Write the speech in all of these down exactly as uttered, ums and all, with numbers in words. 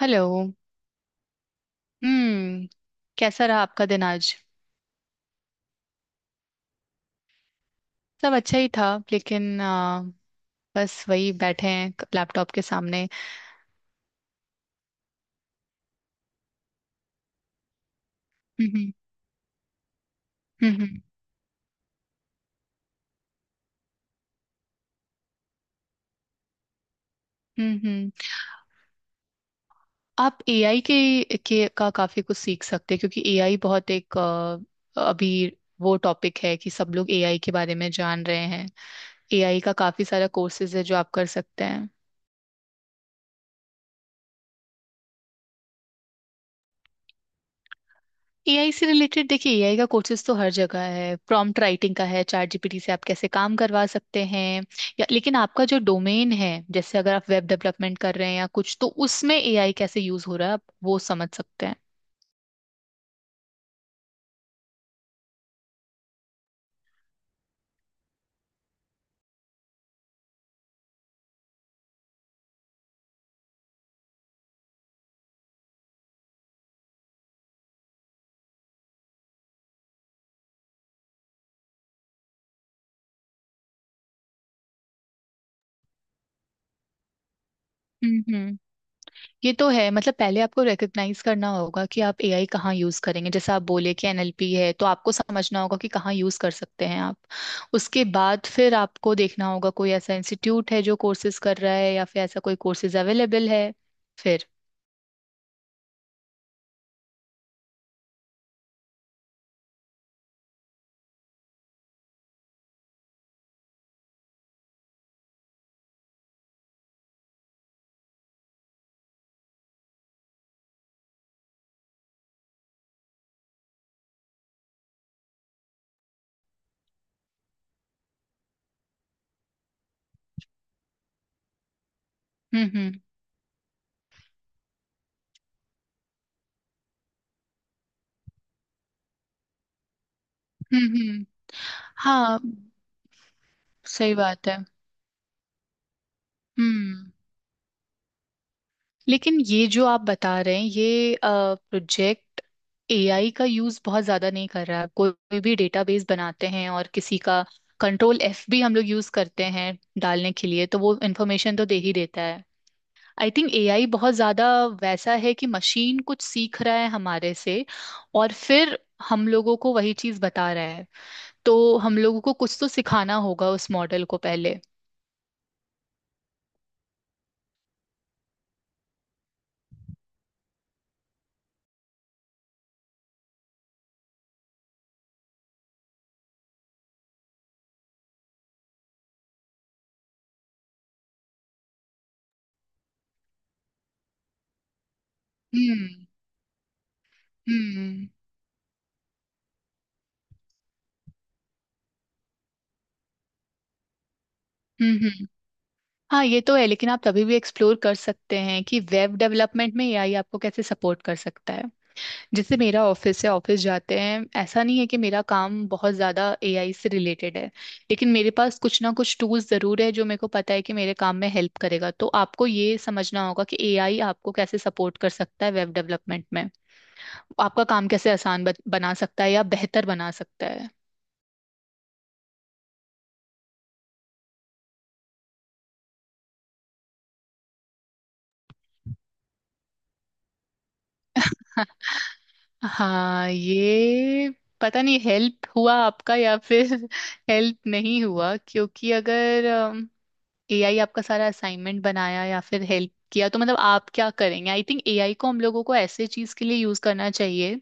Hello. हम्म। कैसा रहा आपका दिन आज? सब अच्छा ही था, लेकिन आ, बस वही बैठे हैं क- लैपटॉप के सामने। हम्म। हम्म। हम्म। हम्म। हम्म। आप ए आई के के का काफी कुछ सीख सकते हैं, क्योंकि ए आई बहुत एक आ, अभी वो टॉपिक है कि सब लोग ए आई के बारे में जान रहे हैं। ए आई का काफी सारा कोर्सेज है जो आप कर सकते हैं। ए आई से रिलेटेड देखिए, ए आई का कोर्सेज तो हर जगह है, प्रॉम्प्ट राइटिंग का है, चैट जी पी टी से आप कैसे काम करवा सकते हैं, या लेकिन आपका जो डोमेन है, जैसे अगर आप वेब डेवलपमेंट कर रहे हैं या कुछ, तो उसमें ए आई कैसे यूज हो रहा है आप वो समझ सकते हैं। हम्म। हम्म। ये तो है, मतलब पहले आपको रिकग्नाइज करना होगा कि आप ए आई कहाँ यूज करेंगे। जैसे आप बोले कि एन एल पी है, तो आपको समझना होगा कि कहाँ यूज कर सकते हैं आप। उसके बाद फिर आपको देखना होगा कोई ऐसा इंस्टीट्यूट है जो कोर्सेज कर रहा है या फिर ऐसा कोई कोर्सेज अवेलेबल है। हम्म। हम्म। हम्म। हम्म। हाँ, सही बात है। हम्म। लेकिन ये जो आप बता रहे हैं, ये प्रोजेक्ट ए आई का यूज बहुत ज्यादा नहीं कर रहा है। कोई भी डेटाबेस बनाते हैं और किसी का कंट्रोल एफ भी हम लोग यूज करते हैं डालने के लिए, तो वो इन्फॉर्मेशन तो दे ही देता है। आई थिंक ए आई बहुत ज्यादा वैसा है कि मशीन कुछ सीख रहा है हमारे से, और फिर हम लोगों को वही चीज बता रहा है। तो हम लोगों को कुछ तो सिखाना होगा उस मॉडल को पहले। हम्म। हम्म। हम्म। हम्म। हाँ, ये तो है, लेकिन आप तभी भी एक्सप्लोर कर सकते हैं कि वेब डेवलपमेंट में ए आई आपको कैसे सपोर्ट कर सकता है। जैसे मेरा ऑफिस है, ऑफिस जाते हैं, ऐसा नहीं है कि मेरा काम बहुत ज्यादा ए आई से रिलेटेड है, लेकिन मेरे पास कुछ ना कुछ टूल्स जरूर है जो मेरे को पता है कि मेरे काम में हेल्प करेगा। तो आपको ये समझना होगा कि ए आई आपको कैसे सपोर्ट कर सकता है वेब डेवलपमेंट में, आपका काम कैसे आसान बत- बना सकता है या बेहतर बना सकता है। हाँ, ये पता नहीं हेल्प हुआ आपका या फिर हेल्प नहीं हुआ, क्योंकि अगर ए आई आपका सारा असाइनमेंट बनाया या फिर हेल्प किया, तो मतलब आप क्या करेंगे। आई थिंक ए आई को हम लोगों को ऐसे चीज के लिए यूज करना चाहिए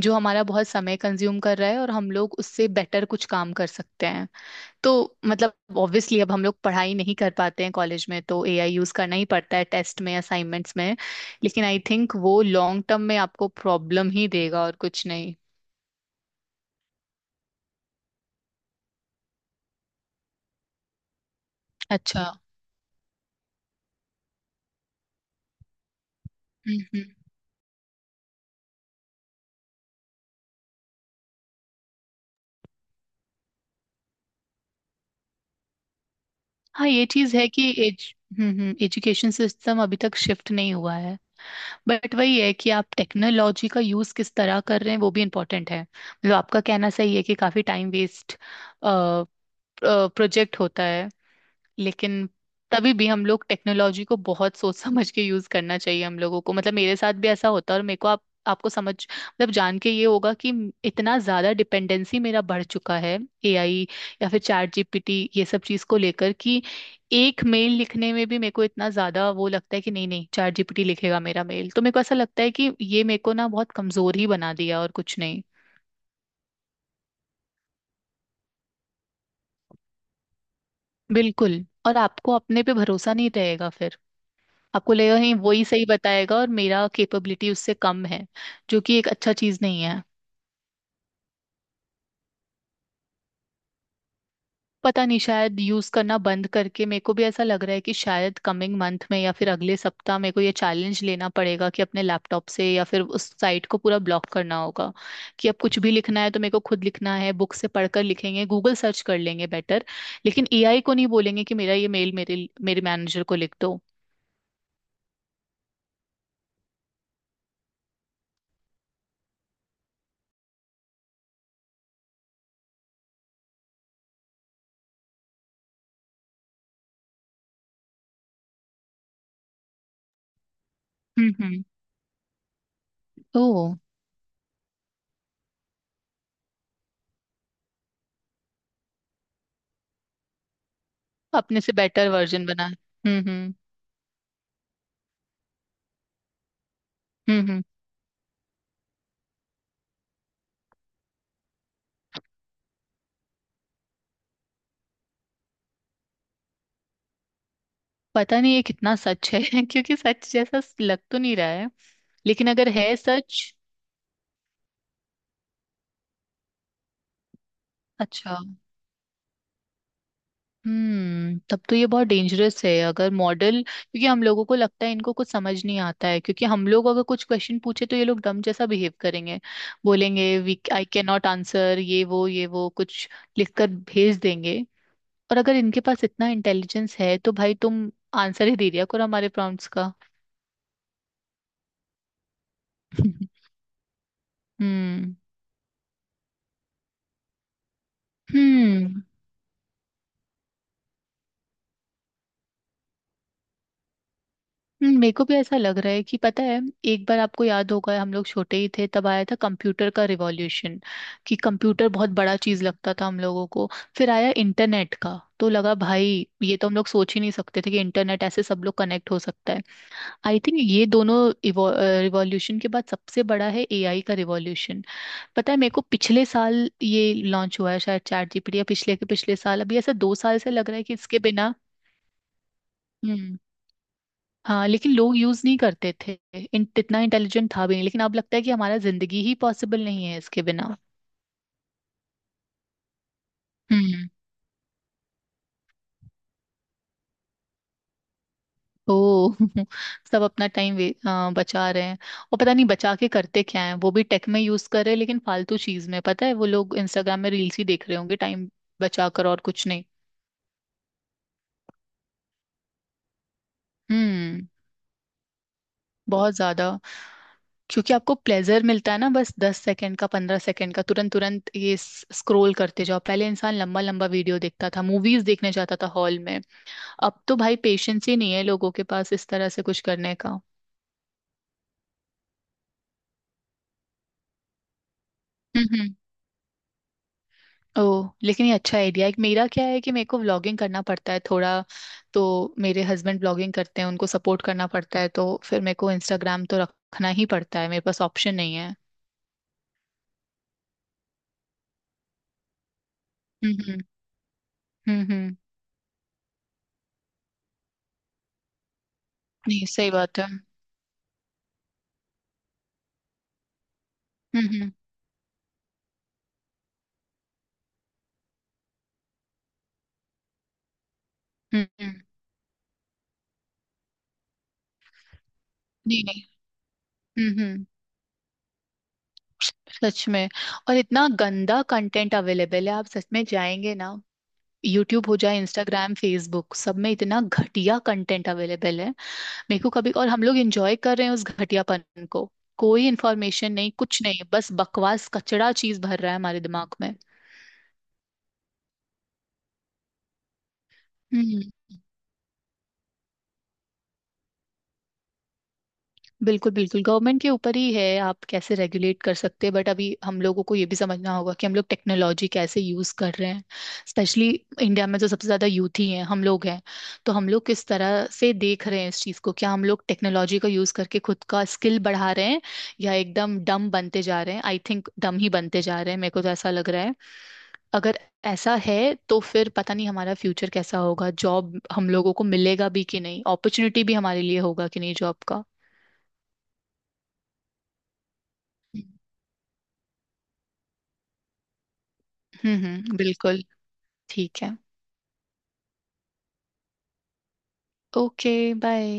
जो हमारा बहुत समय कंज्यूम कर रहा है और हम लोग उससे बेटर कुछ काम कर सकते हैं। तो मतलब ऑब्वियसली अब हम लोग पढ़ाई नहीं कर पाते हैं कॉलेज में, तो ए आई यूज करना ही पड़ता है टेस्ट में, असाइनमेंट्स में। लेकिन आई थिंक वो लॉन्ग टर्म में आपको प्रॉब्लम ही देगा और कुछ नहीं। अच्छा। हम्म। हम्म। हाँ, ये चीज है कि एज हम्म हम्म एजुकेशन सिस्टम अभी तक शिफ्ट नहीं हुआ है। बट वही है कि आप टेक्नोलॉजी का यूज किस तरह कर रहे हैं वो भी इम्पोर्टेंट है। मतलब आपका कहना सही है कि काफी टाइम वेस्ट प्रोजेक्ट होता है, लेकिन तभी भी हम लोग टेक्नोलॉजी को बहुत सोच समझ के यूज करना चाहिए हम लोगों को। मतलब मेरे साथ भी ऐसा होता है, और मेरे को आप आपको समझ मतलब जान के ये होगा कि इतना ज्यादा डिपेंडेंसी मेरा बढ़ चुका है ए आई या फिर चैट जी पी टी, ये सब चीज को लेकर, कि एक मेल लिखने में भी मेरे को इतना ज्यादा वो लगता है कि नहीं, नहीं, चैट जी पी टी लिखेगा मेरा मेल। तो मेरे को ऐसा लगता है कि ये मेरे को ना बहुत कमजोर ही बना दिया, और कुछ नहीं। बिल्कुल। और आपको अपने पे भरोसा नहीं रहेगा फिर। आपको लगेगा नहीं, वही सही बताएगा और मेरा कैपेबिलिटी उससे कम है, जो कि एक अच्छा चीज नहीं है। पता नहीं, शायद यूज करना बंद करके। मेरे को भी ऐसा लग रहा है कि शायद कमिंग मंथ में या फिर अगले सप्ताह मेरे को ये चैलेंज लेना पड़ेगा कि अपने लैपटॉप से या फिर उस साइट को पूरा ब्लॉक करना होगा, कि अब कुछ भी लिखना है तो मेरे को खुद लिखना है। बुक से पढ़कर लिखेंगे, गूगल सर्च कर लेंगे बेटर। लेकिन ए आई को नहीं बोलेंगे कि मेरा ये मेल मेरे मेरे मैनेजर को लिख दो। हम्म। हम्म। तो अपने से बेटर वर्जन बना। हम्म। हम्म। हम्म। हम्म। पता नहीं ये कितना सच है, क्योंकि सच जैसा लग तो नहीं रहा है, लेकिन अगर है सच। अच्छा। हम्म। तब तो ये बहुत डेंजरस है अगर मॉडल, क्योंकि हम लोगों को लगता है इनको कुछ समझ नहीं आता है। क्योंकि हम लोग अगर कुछ क्वेश्चन पूछे तो ये लोग डम जैसा बिहेव करेंगे, बोलेंगे we I can not answer, ये वो ये वो कुछ लिखकर भेज देंगे। और अगर इनके पास इतना इंटेलिजेंस है, तो भाई तुम आंसर ही दे दिया करो हमारे प्रॉम्प्ट्स का। हम्म। हम्म। हम्म, मेरे को भी ऐसा लग रहा है कि पता है, एक बार आपको याद होगा हम लोग छोटे ही थे तब आया था कंप्यूटर का रिवॉल्यूशन, कि कंप्यूटर बहुत बड़ा चीज लगता था हम लोगों को। फिर आया इंटरनेट का, तो लगा भाई ये तो हम लोग सोच ही नहीं सकते थे कि इंटरनेट ऐसे सब लोग कनेक्ट हो सकता है। आई थिंक ये दोनों रिवॉल्यूशन के बाद सबसे बड़ा है ए आई का रिवॉल्यूशन। पता है मेरे को, पिछले साल ये लॉन्च हुआ है शायद चैट जी पी टी, या पिछले के पिछले साल। अभी ऐसा दो साल से लग रहा है कि इसके बिना। हम्म, हाँ लेकिन लोग यूज नहीं करते थे, इन, इतना इंटेलिजेंट था भी नहीं, लेकिन अब लगता है कि हमारा जिंदगी ही पॉसिबल नहीं है इसके बिना। हम्म। ओ, सब अपना टाइम बचा रहे हैं। और पता नहीं बचा के करते क्या है, वो भी टेक में यूज कर रहे हैं, लेकिन फालतू चीज में। पता है वो लोग इंस्टाग्राम में रील्स ही देख रहे होंगे, टाइम बचा कर और कुछ नहीं। हम्म। बहुत ज्यादा, क्योंकि आपको प्लेजर मिलता है ना, बस दस सेकंड का, पंद्रह सेकंड का, तुरंत तुरंत ये स्क्रोल करते जाओ। पहले इंसान लंबा लंबा वीडियो देखता था, मूवीज देखने जाता था हॉल में। अब तो भाई पेशेंस ही नहीं है लोगों के पास इस तरह से कुछ करने का। हम्म। हम्म। ओह, लेकिन ये अच्छा आइडिया है। मेरा क्या है कि मेरे को व्लॉगिंग करना पड़ता है थोड़ा, तो मेरे हस्बैंड व्लॉगिंग करते हैं, उनको सपोर्ट करना पड़ता है, तो फिर मेरे को इंस्टाग्राम तो रखना ही पड़ता है, मेरे पास ऑप्शन नहीं है। हम्म। हम्म। हम्म। हम्म। नहीं, सही बात है। हम्म। हम्म। हम्म। हम्म। नहीं, नहीं। हम्म। हम्म। सच में, और इतना गंदा कंटेंट अवेलेबल है, आप सच में जाएंगे ना। यूट्यूब हो जाए, इंस्टाग्राम, फेसबुक, सब में इतना घटिया कंटेंट अवेलेबल है मेरे को कभी, और हम लोग एंजॉय कर रहे हैं उस घटियापन को। कोई इन्फॉर्मेशन नहीं, कुछ नहीं, बस बकवास, कचड़ा चीज भर रहा है हमारे दिमाग में। हम्म। बिल्कुल, बिल्कुल। गवर्नमेंट के ऊपर ही है आप कैसे रेगुलेट कर सकते हैं, बट अभी हम लोगों को ये भी समझना होगा कि हम लोग टेक्नोलॉजी कैसे यूज कर रहे हैं। स्पेशली इंडिया में तो सबसे ज्यादा यूथ ही है हम लोग हैं, तो हम लोग किस तरह से देख रहे हैं इस चीज को, क्या हम लोग टेक्नोलॉजी का यूज करके खुद का स्किल बढ़ा रहे हैं, या एकदम डम बनते जा रहे हैं। आई थिंक डम ही बनते जा रहे हैं, मेरे को तो ऐसा लग रहा है। अगर ऐसा है तो फिर पता नहीं हमारा फ्यूचर कैसा होगा, जॉब हम लोगों को मिलेगा भी कि नहीं, अपॉर्चुनिटी भी हमारे लिए होगा कि नहीं जॉब का। हम्म। हम्म। बिल्कुल। ठीक है। ओके। बाय।